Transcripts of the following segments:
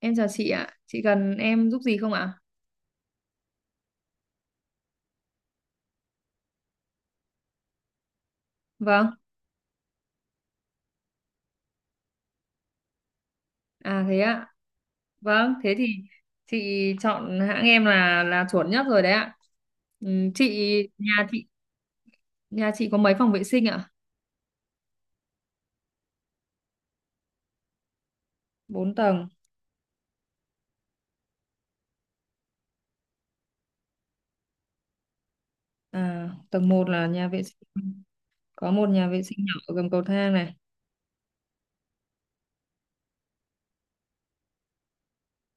Em chào chị ạ, chị cần em giúp gì không ạ? Vâng, à thế ạ. Vâng, thế thì chị chọn hãng em là chuẩn nhất rồi đấy ạ. Ừ, chị nhà chị nhà chị có mấy phòng vệ sinh ạ? 4 tầng. À, tầng 1 là nhà vệ sinh. Có một nhà vệ sinh nhỏ ở gầm cầu thang này.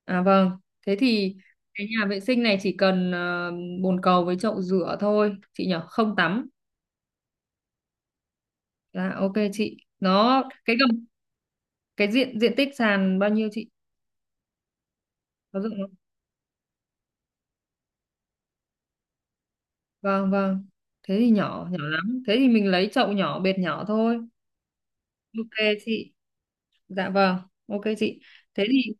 À vâng, thế thì cái nhà vệ sinh này chỉ cần bồn cầu với chậu rửa thôi, chị nhỉ, không tắm. Dạ, ok chị. Nó cái gầm Cái diện diện tích sàn bao nhiêu chị? Có rộng. Vâng, vâng. Thế thì nhỏ, nhỏ lắm. Thế thì mình lấy chậu nhỏ, bệt nhỏ thôi. Ok chị. Dạ vâng. Ok chị. Thế thì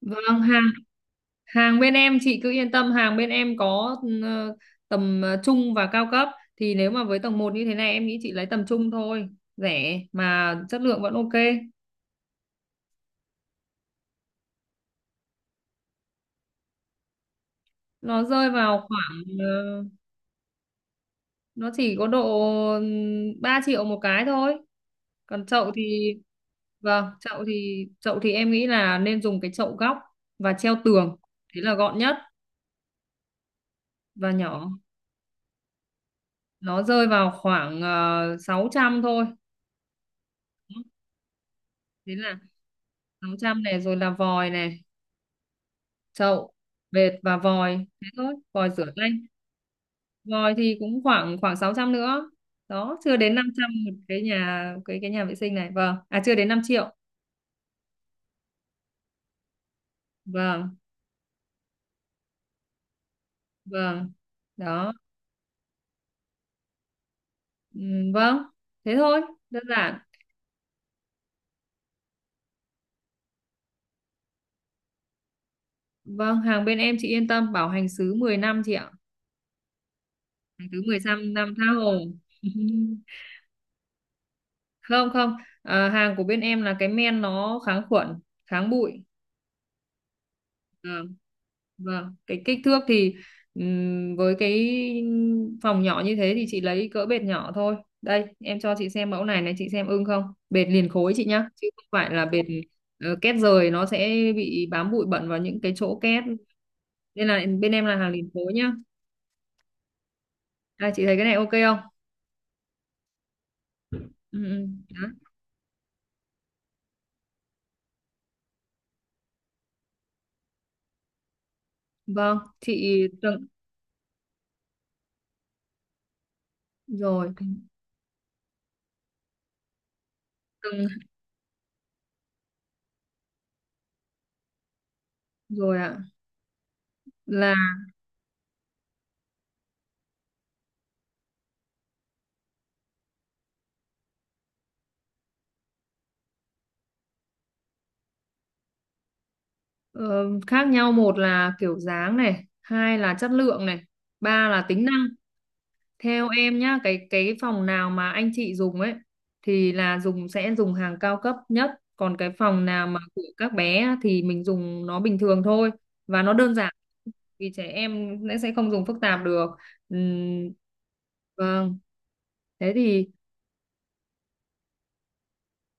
vâng, hàng hàng bên em chị cứ yên tâm, hàng bên em có ờ, tầm trung và cao cấp, thì nếu mà với tầng một như thế này em nghĩ chị lấy tầm trung thôi, rẻ mà chất lượng vẫn ok. Nó rơi vào khoảng nó chỉ có độ 3 triệu một cái thôi. Còn chậu thì vâng, chậu thì em nghĩ là nên dùng cái chậu góc và treo tường, thế là gọn nhất và nhỏ. Nó rơi vào khoảng 600 thôi. Thế là 600 này, rồi là vòi này, chậu bệt và vòi thế thôi, vòi rửa tay. Vòi thì cũng khoảng khoảng 600 nữa. Đó, chưa đến 500 một cái nhà, cái nhà vệ sinh này. Vâng, à chưa đến 5 triệu. Vâng, vâng, đó. Ừ, vâng, thế thôi, đơn giản. Vâng, hàng bên em chị yên tâm, bảo hành xứ 10 năm chị ạ. Hàng thứ 15 năm tha hồ. Không, không, à, hàng của bên em là cái men nó kháng khuẩn, kháng bụi. Vâng, vâng. Cái kích thước thì với cái phòng nhỏ như thế thì chị lấy cỡ bệt nhỏ thôi. Đây, em cho chị xem mẫu này này, chị xem ưng không? Bệt liền khối chị nhá, chứ không phải là bệt két rời, nó sẽ bị bám bụi bẩn vào những cái chỗ két. Nên là bên em là hàng liền khối nhá. Đây, chị thấy cái này ok không? Ừ, ừ, đó. Vâng, chị rồi, từng rồi ạ. Là ờ, khác nhau một là kiểu dáng này, hai là chất lượng này, ba là tính năng. Theo em nhá, cái phòng nào mà anh chị dùng ấy thì là sẽ dùng hàng cao cấp nhất, còn cái phòng nào mà của các bé á thì mình dùng nó bình thường thôi và nó đơn giản, vì trẻ em sẽ không dùng phức tạp được. Ừm, vâng. Thế thì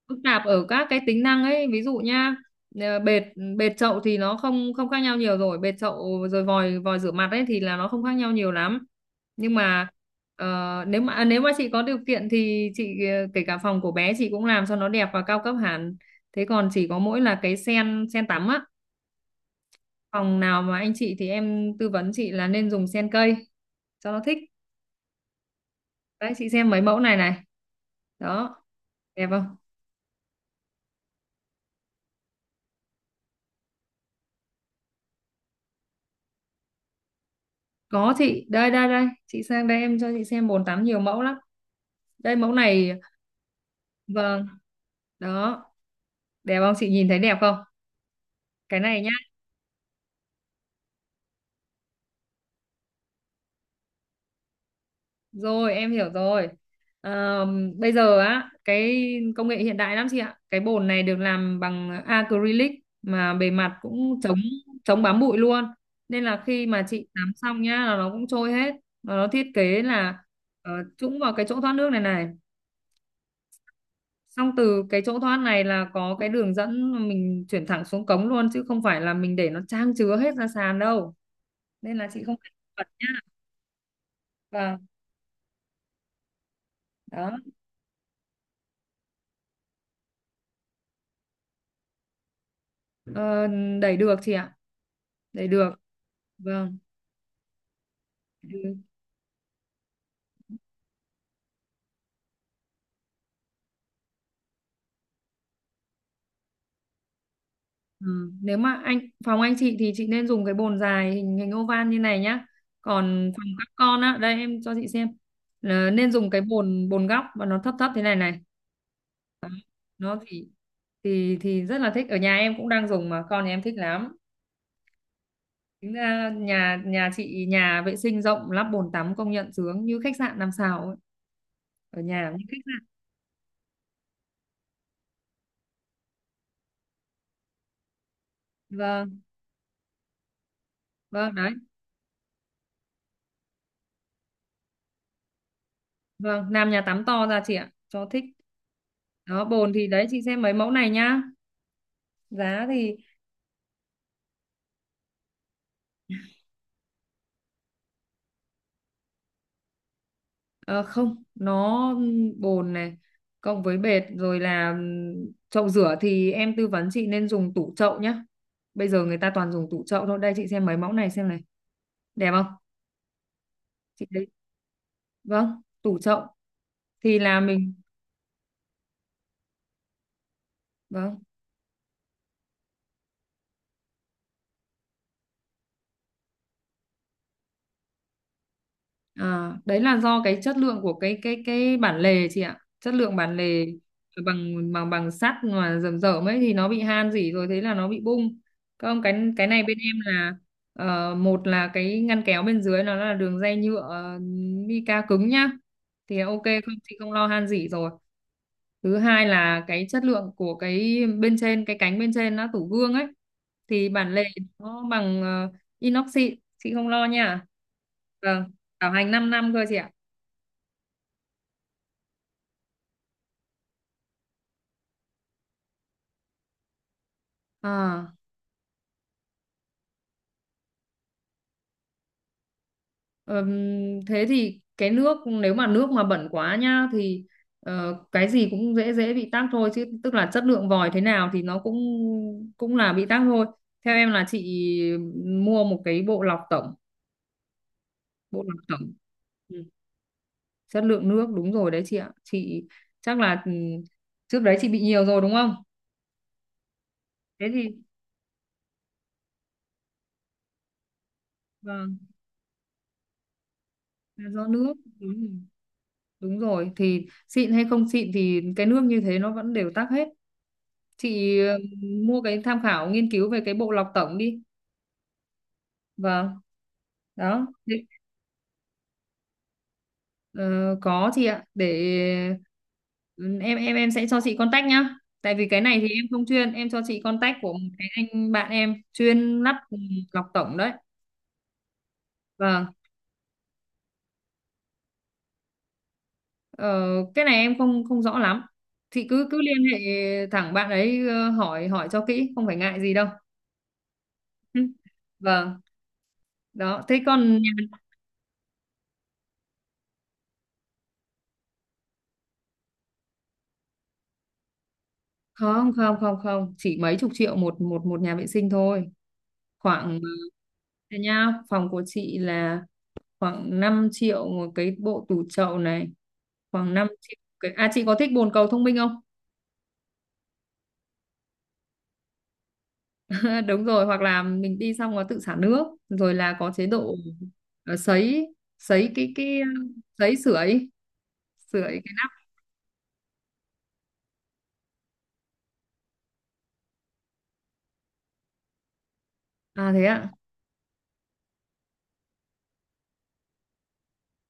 phức tạp ở các cái tính năng ấy, ví dụ nhá, bệt bệt chậu thì nó không không khác nhau nhiều, rồi bệt chậu, rồi vòi vòi rửa mặt ấy thì là nó không khác nhau nhiều lắm. Nhưng mà nếu mà chị có điều kiện thì chị kể cả phòng của bé chị cũng làm cho nó đẹp và cao cấp hẳn. Thế còn chỉ có mỗi là cái sen sen tắm á, phòng nào mà anh chị thì em tư vấn chị là nên dùng sen cây cho nó thích. Đấy chị xem mấy mẫu này này, đó, đẹp không? Có chị, đây đây đây, chị sang đây em cho chị xem bồn tắm nhiều mẫu lắm. Đây mẫu này, vâng, đó, đẹp không? Chị nhìn thấy đẹp không? Cái này nhá, rồi em hiểu rồi. Ờ, Bây giờ á, cái công nghệ hiện đại lắm chị ạ. Cái bồn này được làm bằng acrylic mà bề mặt cũng chống chống bám bụi luôn. Nên là khi mà chị tắm xong nhá là nó cũng trôi hết. Và nó thiết kế là trũng vào cái chỗ thoát nước này này. Xong từ cái chỗ thoát này là có cái đường dẫn mà mình chuyển thẳng xuống cống luôn, chứ không phải là mình để nó trang chứa hết ra sàn đâu, nên là chị không phải bật nhá. Vâng, đó, ờ, đẩy được chị ạ, đẩy được. Vâng, ừ. Ừ, nếu mà phòng anh chị thì chị nên dùng cái bồn dài hình hình oval như này nhá. Còn phòng các con á, đây em cho chị xem, là nên dùng cái bồn bồn góc và nó thấp thấp thế này này. Nó thì rất là thích, ở nhà em cũng đang dùng mà con nhà em thích lắm. Tính ra nhà nhà chị nhà vệ sinh rộng lắp bồn tắm công nhận sướng như khách sạn 5 sao ấy, ở nhà. Vâng, vâng đấy. Vâng, làm nhà tắm to ra chị ạ, cho thích. Đó bồn thì đấy chị xem mấy mẫu này nhá. Giá thì ờ, không, nó bồn này cộng với bệt, rồi là chậu rửa thì em tư vấn chị nên dùng tủ chậu nhá. Bây giờ người ta toàn dùng tủ chậu thôi. Đây chị xem mấy mẫu này xem này. Đẹp không? Chị thấy. Vâng, tủ chậu thì là mình. Vâng. À, đấy là do cái chất lượng của cái bản lề chị ạ. Chất lượng bản lề bằng bằng bằng sắt mà rầm rởm ấy thì nó bị han rỉ rồi thế là nó bị bung. Không, cái này bên em là một là cái ngăn kéo bên dưới nó là đường ray nhựa, mica cứng nhá. Thì ok, không thì không lo han rỉ rồi. Thứ hai là cái chất lượng của cái bên trên, cái cánh bên trên nó tủ gương ấy, thì bản lề nó bằng inox xịn chị không lo nha. Vâng, bảo hành 5 năm cơ chị ạ. À, thế thì cái nước, nếu mà nước mà bẩn quá nhá thì cái gì cũng dễ dễ bị tắc thôi, chứ tức là chất lượng vòi thế nào thì nó cũng cũng là bị tắc thôi. Theo em là chị mua một cái bộ lọc tổng. Bộ lọc tổng. Ừ. Chất lượng nước đúng rồi đấy chị ạ, chị chắc là trước đấy chị bị nhiều rồi đúng không? Thế thì vâng, là do nước, đúng rồi. Đúng rồi, thì xịn hay không xịn thì cái nước như thế nó vẫn đều tắc hết chị. Ừ, Mua cái, tham khảo nghiên cứu về cái bộ lọc tổng đi. Vâng, đó. Ờ, có chị ạ, để ừ, em sẽ cho chị contact nhá, tại vì cái này thì em không chuyên, em cho chị contact của một cái anh bạn em chuyên lắp lọc tổng đấy. Vâng, ờ, cái này em không không rõ lắm, thì cứ cứ liên hệ thẳng bạn ấy hỏi hỏi cho kỹ, không phải ngại gì đâu. Ừ, vâng, đó thế còn nhà- Không, không, không, không, chỉ mấy chục triệu một, một nhà vệ sinh thôi. Khoảng thế nha, phòng của chị là khoảng 5 triệu một cái bộ tủ chậu này, khoảng 5 triệu cái. À chị có thích bồn cầu thông minh không? Đúng rồi, hoặc là mình đi xong nó tự xả nước, rồi là có chế độ sấy sấy cái sấy sưởi, sưởi cái nắp. À thế ạ.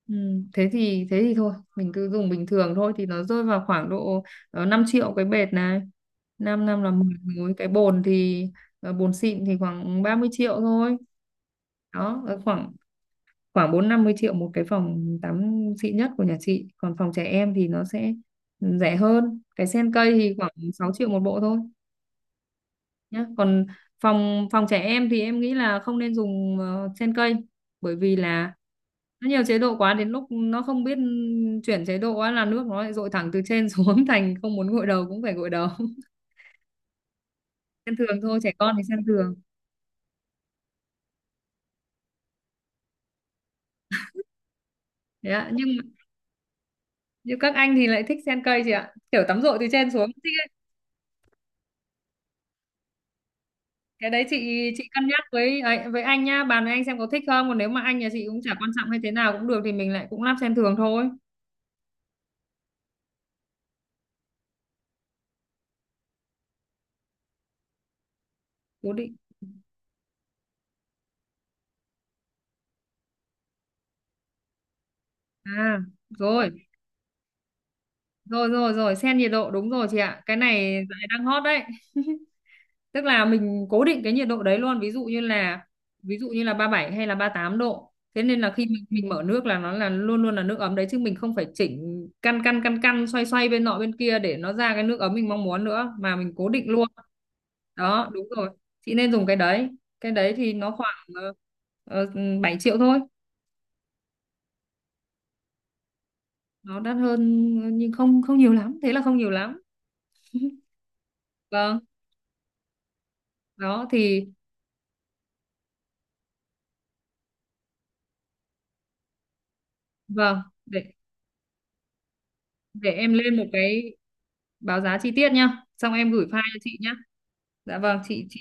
Ừ, thế thì thôi mình cứ dùng bình thường thôi, thì nó rơi vào khoảng độ 5 triệu cái bệt này, 5 năm là 10 múi. Cái bồn thì bồn xịn thì khoảng 30 triệu thôi. Đó, khoảng khoảng bốn năm mươi triệu một cái phòng tắm xịn nhất của nhà chị, còn phòng trẻ em thì nó sẽ rẻ hơn. Cái sen cây thì khoảng 6 triệu một bộ thôi nhá. Còn phòng phòng trẻ em thì em nghĩ là không nên dùng sen cây, bởi vì là nó nhiều chế độ quá, đến lúc nó không biết chuyển chế độ á là nước nó lại dội thẳng từ trên xuống, thành không muốn gội đầu cũng phải gội đầu. Sen thường thôi, trẻ con thì sen thường đấy ạ. Nhưng các anh thì lại thích sen cây chị ạ, kiểu tắm dội từ trên xuống thích. Cái đấy chị cân nhắc với ấy, với anh nhá, bàn với anh xem có thích không, còn nếu mà anh nhà chị cũng chả quan trọng hay thế nào cũng được thì mình lại cũng lắp sen thường thôi. Cố định. À rồi, rồi, rồi, rồi, sen nhiệt độ đúng rồi chị ạ, cái này dạo này đang hot đấy. Tức là mình cố định cái nhiệt độ đấy luôn, ví dụ như là 37 hay là 38 độ, thế nên là khi mình mở nước là nó là luôn luôn là nước ấm đấy, chứ mình không phải chỉnh căn căn căn căn, xoay xoay bên nọ bên kia để nó ra cái nước ấm mình mong muốn nữa, mà mình cố định luôn. Đó, đúng rồi, chị nên dùng cái đấy. Cái đấy thì nó khoảng uh, 7 triệu thôi. Nó đắt hơn nhưng không không nhiều lắm, thế là không nhiều lắm. Vâng, đó thì vâng, để để em lên một cái báo giá chi tiết nhá, xong em gửi file cho chị nhá. Dạ vâng chị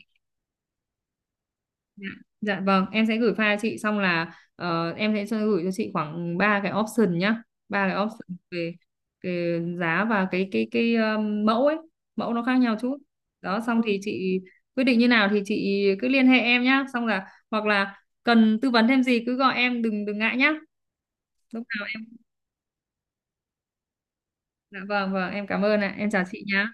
dạ, dạ vâng em sẽ gửi file cho chị, xong là em sẽ gửi cho chị khoảng ba cái option nhá. Ba cái option về giá và cái mẫu ấy, mẫu nó khác nhau chút. Đó, xong thì chị quyết định như nào thì chị cứ liên hệ em nhá, xong là hoặc là cần tư vấn thêm gì cứ gọi em, đừng đừng ngại nhá. Lúc nào em, dạ vâng, vâng em cảm ơn ạ, em chào chị nhá.